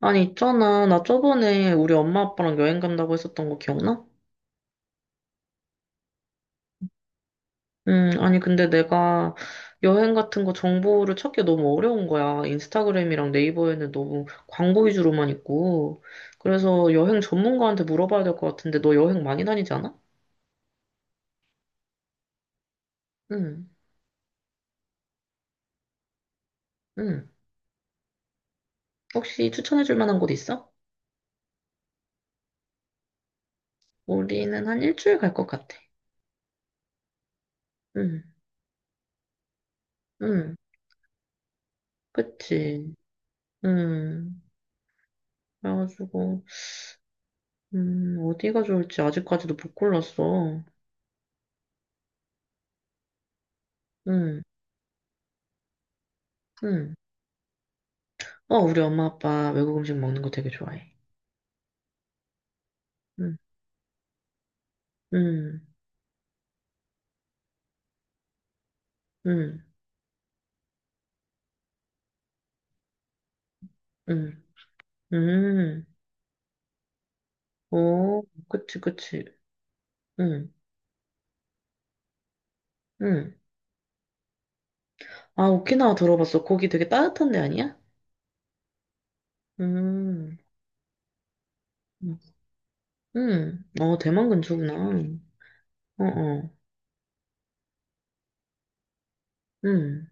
아니, 있잖아. 나 저번에 우리 엄마 아빠랑 여행 간다고 했었던 거 기억나? 아니, 근데 내가 여행 같은 거 정보를 찾기 너무 어려운 거야. 인스타그램이랑 네이버에는 너무 광고 위주로만 있고. 그래서 여행 전문가한테 물어봐야 될 것 같은데, 너 여행 많이 다니지 않아? 응, 응. 혹시 추천해줄 만한 곳 있어? 우리는 한 일주일 갈 것 같아. 응, 응. 그치. 응. 그래가지고, 어디가 좋을지 아직까지도 못 골랐어. 응. 응. 어, 우리 엄마 아빠 외국 음식 먹는 거 되게 좋아해. 응, 응, 응, 응, 응. 오, 그치, 그치. 응, 응. 아, 오키나와 들어봤어. 거기 되게 따뜻한 데 아니야? 음, 응. 응. 어, 대만 근처구나. 어, 어. 응,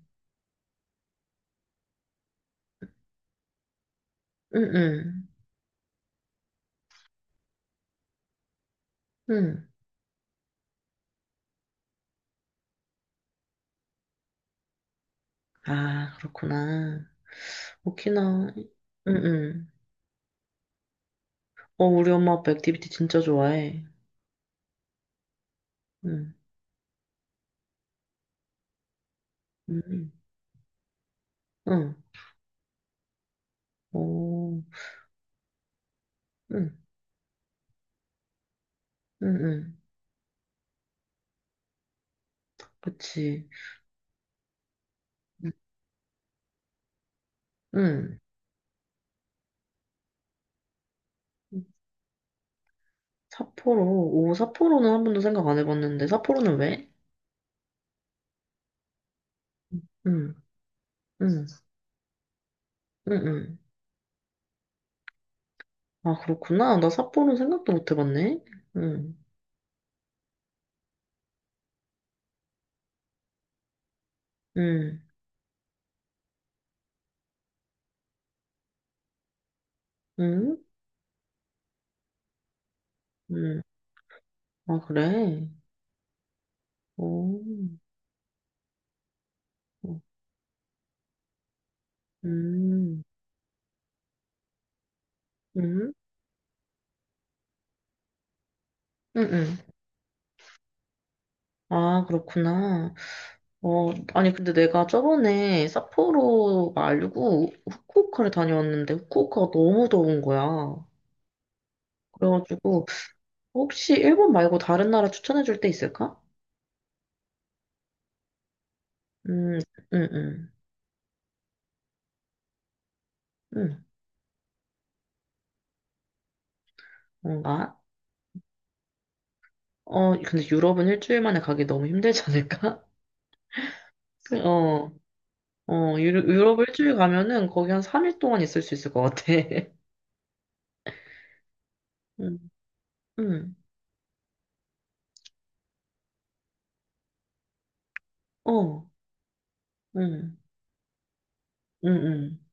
응, 응, 응. 아, 그렇구나. 오키나와, 응, 응. 어, 우리 엄마 아빠 액티비티 진짜 좋아해. 응, 응, 응. 오, 응, 응, 응. 그치. 응. 삿포로. 오, 삿포로는 한 번도 생각 안 해봤는데. 삿포로는 왜? 응, 응, 응, 응. 아, 그렇구나. 나 삿포로 생각도 못 해봤네. 응, 응, 응, 응. 아, 그래. 오, 어, 음, 응, 응, 응. 아, 그렇구나. 어, 아니, 근데 내가 저번에 삿포로 말고 후쿠오카를 다녀왔는데 후쿠오카가 너무 더운 거야. 그래가지고 혹시 일본 말고 다른 나라 추천해 줄 데 있을까? 음, 음, 음, 음, 뭔가? 어, 근데 유럽은 일주일 만에 가기 너무 힘들지 않을까? 어, 어, 유럽 일주일 가면은 거기 한 3일 동안 있을 수 있을 것 같아. 음, 음, 어, 음, 음, 음,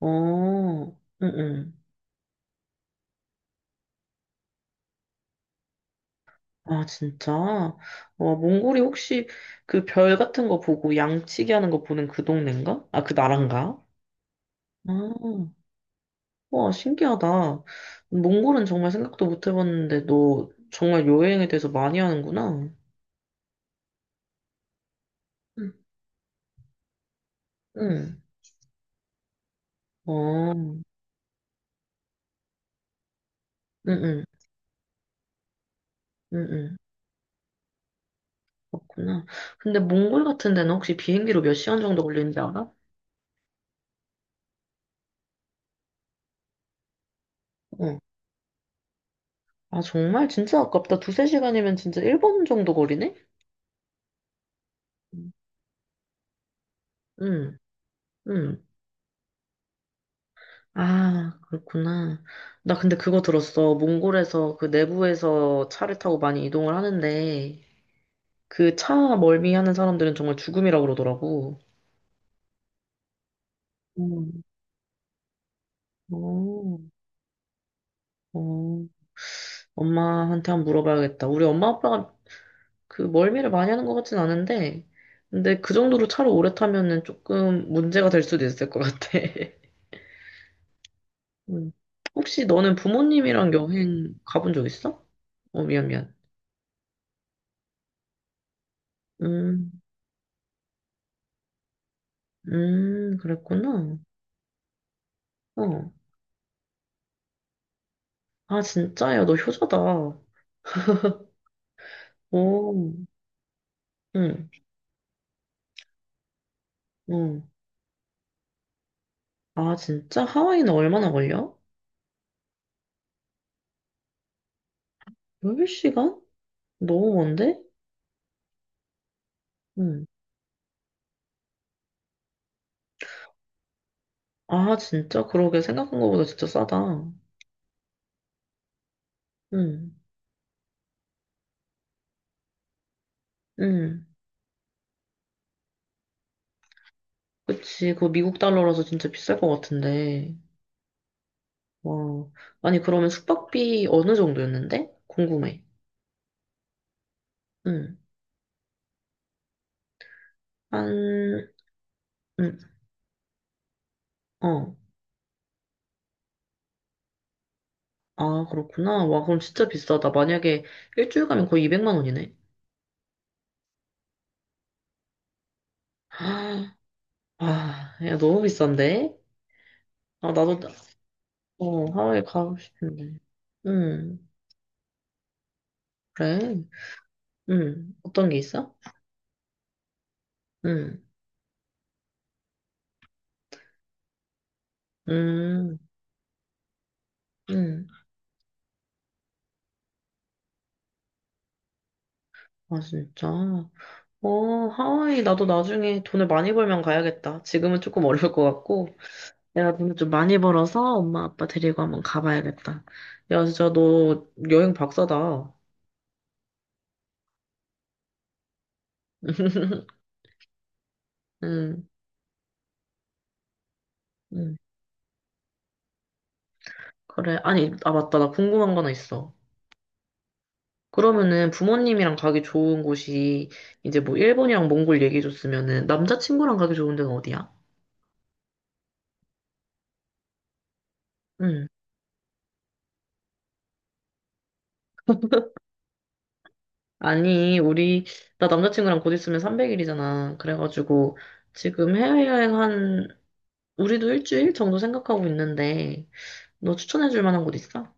어, 음, 음. 아, 진짜? 어, 몽골이 혹시 그 별 같은 거 보고 양치기 하는 거 보는 그 동네인가? 아, 그 나라인가? 아, 와, 신기하다. 몽골은 정말 생각도 못 해봤는데, 너 정말 여행에 대해서 많이 하는구나. 응. 응, 어, 응, 응, 응, 응. 그렇구나. 근데 몽골 같은 데는 혹시 비행기로 몇 시간 정도 걸리는지 알아? 어. 아, 정말? 진짜 아깝다. 두세 시간이면 진짜 일본 정도 거리네? 응, 응. 아, 그렇구나. 나 근데 그거 들었어. 몽골에서 그 내부에서 차를 타고 많이 이동을 하는데, 그 차 멀미하는 사람들은 정말 죽음이라고 그러더라고. 음, 어, 어, 엄마한테 한번 물어봐야겠다. 우리 엄마 아빠가 그 멀미를 많이 하는 것 같진 않은데, 근데 그 정도로 차를 오래 타면은 조금 문제가 될 수도 있을 것 같아. 음. 혹시 너는 부모님이랑 여행 가본 적 있어? 어, 미안, 미안. 음, 그랬구나. 어. 아, 진짜? 야, 너 효자다. 오, 응, 응. 아, 진짜? 하와이는 얼마나 걸려? 10시간? 너무 먼데? 응. 아, 진짜? 그러게. 생각한 것보다 진짜 싸다. 응. 응. 그치. 그거 미국 달러라서 진짜 비쌀 것 같은데. 와. 아니, 그러면 숙박비 어느 정도였는데? 궁금해. 응. 한, 응. 어. 아, 그렇구나. 와, 그럼 진짜 비싸다. 만약에 일주일 가면 거의 200만 원이네. 아, 아, 야, 너무 비싼데? 아, 나도, 어, 하와이 가고 싶은데. 응. 그래. 응. 어떤 게 있어? 응, 응, 응. 아, 진짜. 어, 하와이, 나도 나중에 돈을 많이 벌면 가야겠다. 지금은 조금 어려울 것 같고, 내가 돈을 좀 많이 벌어서 엄마 아빠 데리고 한번 가봐야겠다. 야, 진짜 너 여행 박사다. 응, 응. 그래. 아니, 아, 맞다. 나 궁금한 거 하나 있어. 그러면은 부모님이랑 가기 좋은 곳이 이제 뭐 일본이랑 몽골 얘기해줬으면은 남자친구랑 가기 좋은 데는 어디야? 응. 아니, 우리, 나 남자친구랑 곧 있으면 300일이잖아. 그래가지고, 지금 해외여행 한, 우리도 일주일 정도 생각하고 있는데, 너 추천해줄 만한 곳 있어?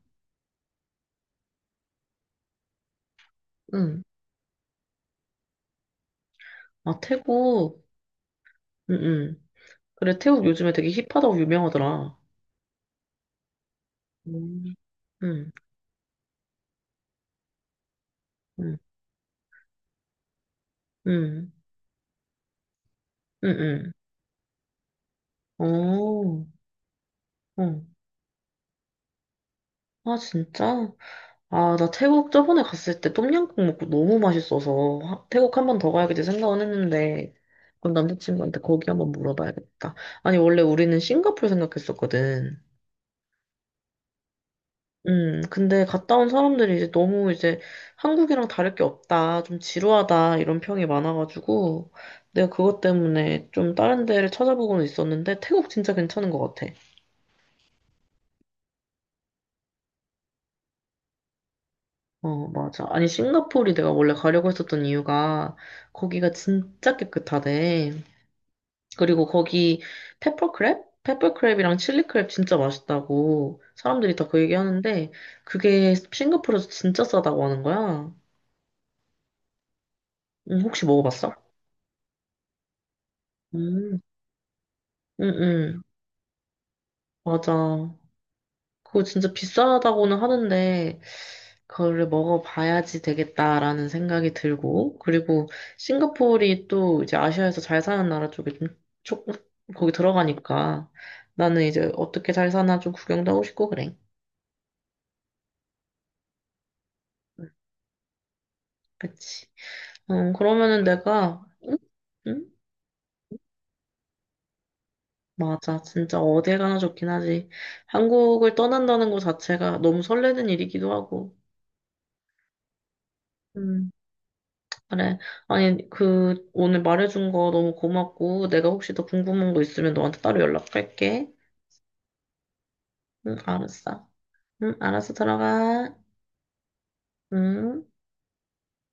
응. 아, 태국. 응, 응. 그래, 태국 요즘에 되게 힙하다고 유명하더라. 음. 응, 응, 응, 응, 응. 어, 어. 아, 진짜? 아, 나 태국 저번에 갔을 때 똠양꿍 먹고 너무 맛있어서 하- 태국 한 번 더 가야겠다 생각은 했는데 그럼 남자친구한테 거기 한번 물어봐야겠다. 아니, 원래 우리는 싱가포르 생각했었거든. 근데 갔다 온 사람들이 이제 너무 한국이랑 다를 게 없다, 좀 지루하다 이런 평이 많아가지고 내가 그것 때문에 좀 다른 데를 찾아보고는 있었는데 태국 진짜 괜찮은 것 같아. 어, 맞아. 아니, 싱가포르 내가 원래 가려고 했었던 이유가 거기가 진짜 깨끗하대. 그리고 거기 페퍼크랩? 페퍼크랩이랑 칠리크랩 진짜 맛있다고 사람들이 다 그 얘기 하는데 그게 싱가포르에서 진짜 싸다고 하는 거야. 혹시 먹어봤어? 음, 음, 음, 맞아. 그거 진짜 비싸다고는 하는데 그거를 먹어봐야지 되겠다라는 생각이 들고 그리고 싱가포르이 또 이제 아시아에서 잘 사는 나라 쪽에 좀 조금 거기 들어가니까 나는 이제 어떻게 잘 사나 좀 구경도 하고 싶고 그래. 그치. 어, 그러면은 내가, 응? 응? 맞아. 진짜 어딜 가나 좋긴 하지. 한국을 떠난다는 것 자체가 너무 설레는 일이기도 하고. 음, 그래. 아니, 그, 오늘 말해준 거 너무 고맙고, 내가 혹시 더 궁금한 거 있으면 너한테 따로 연락할게. 응, 알았어. 응, 알았어. 들어가. 응.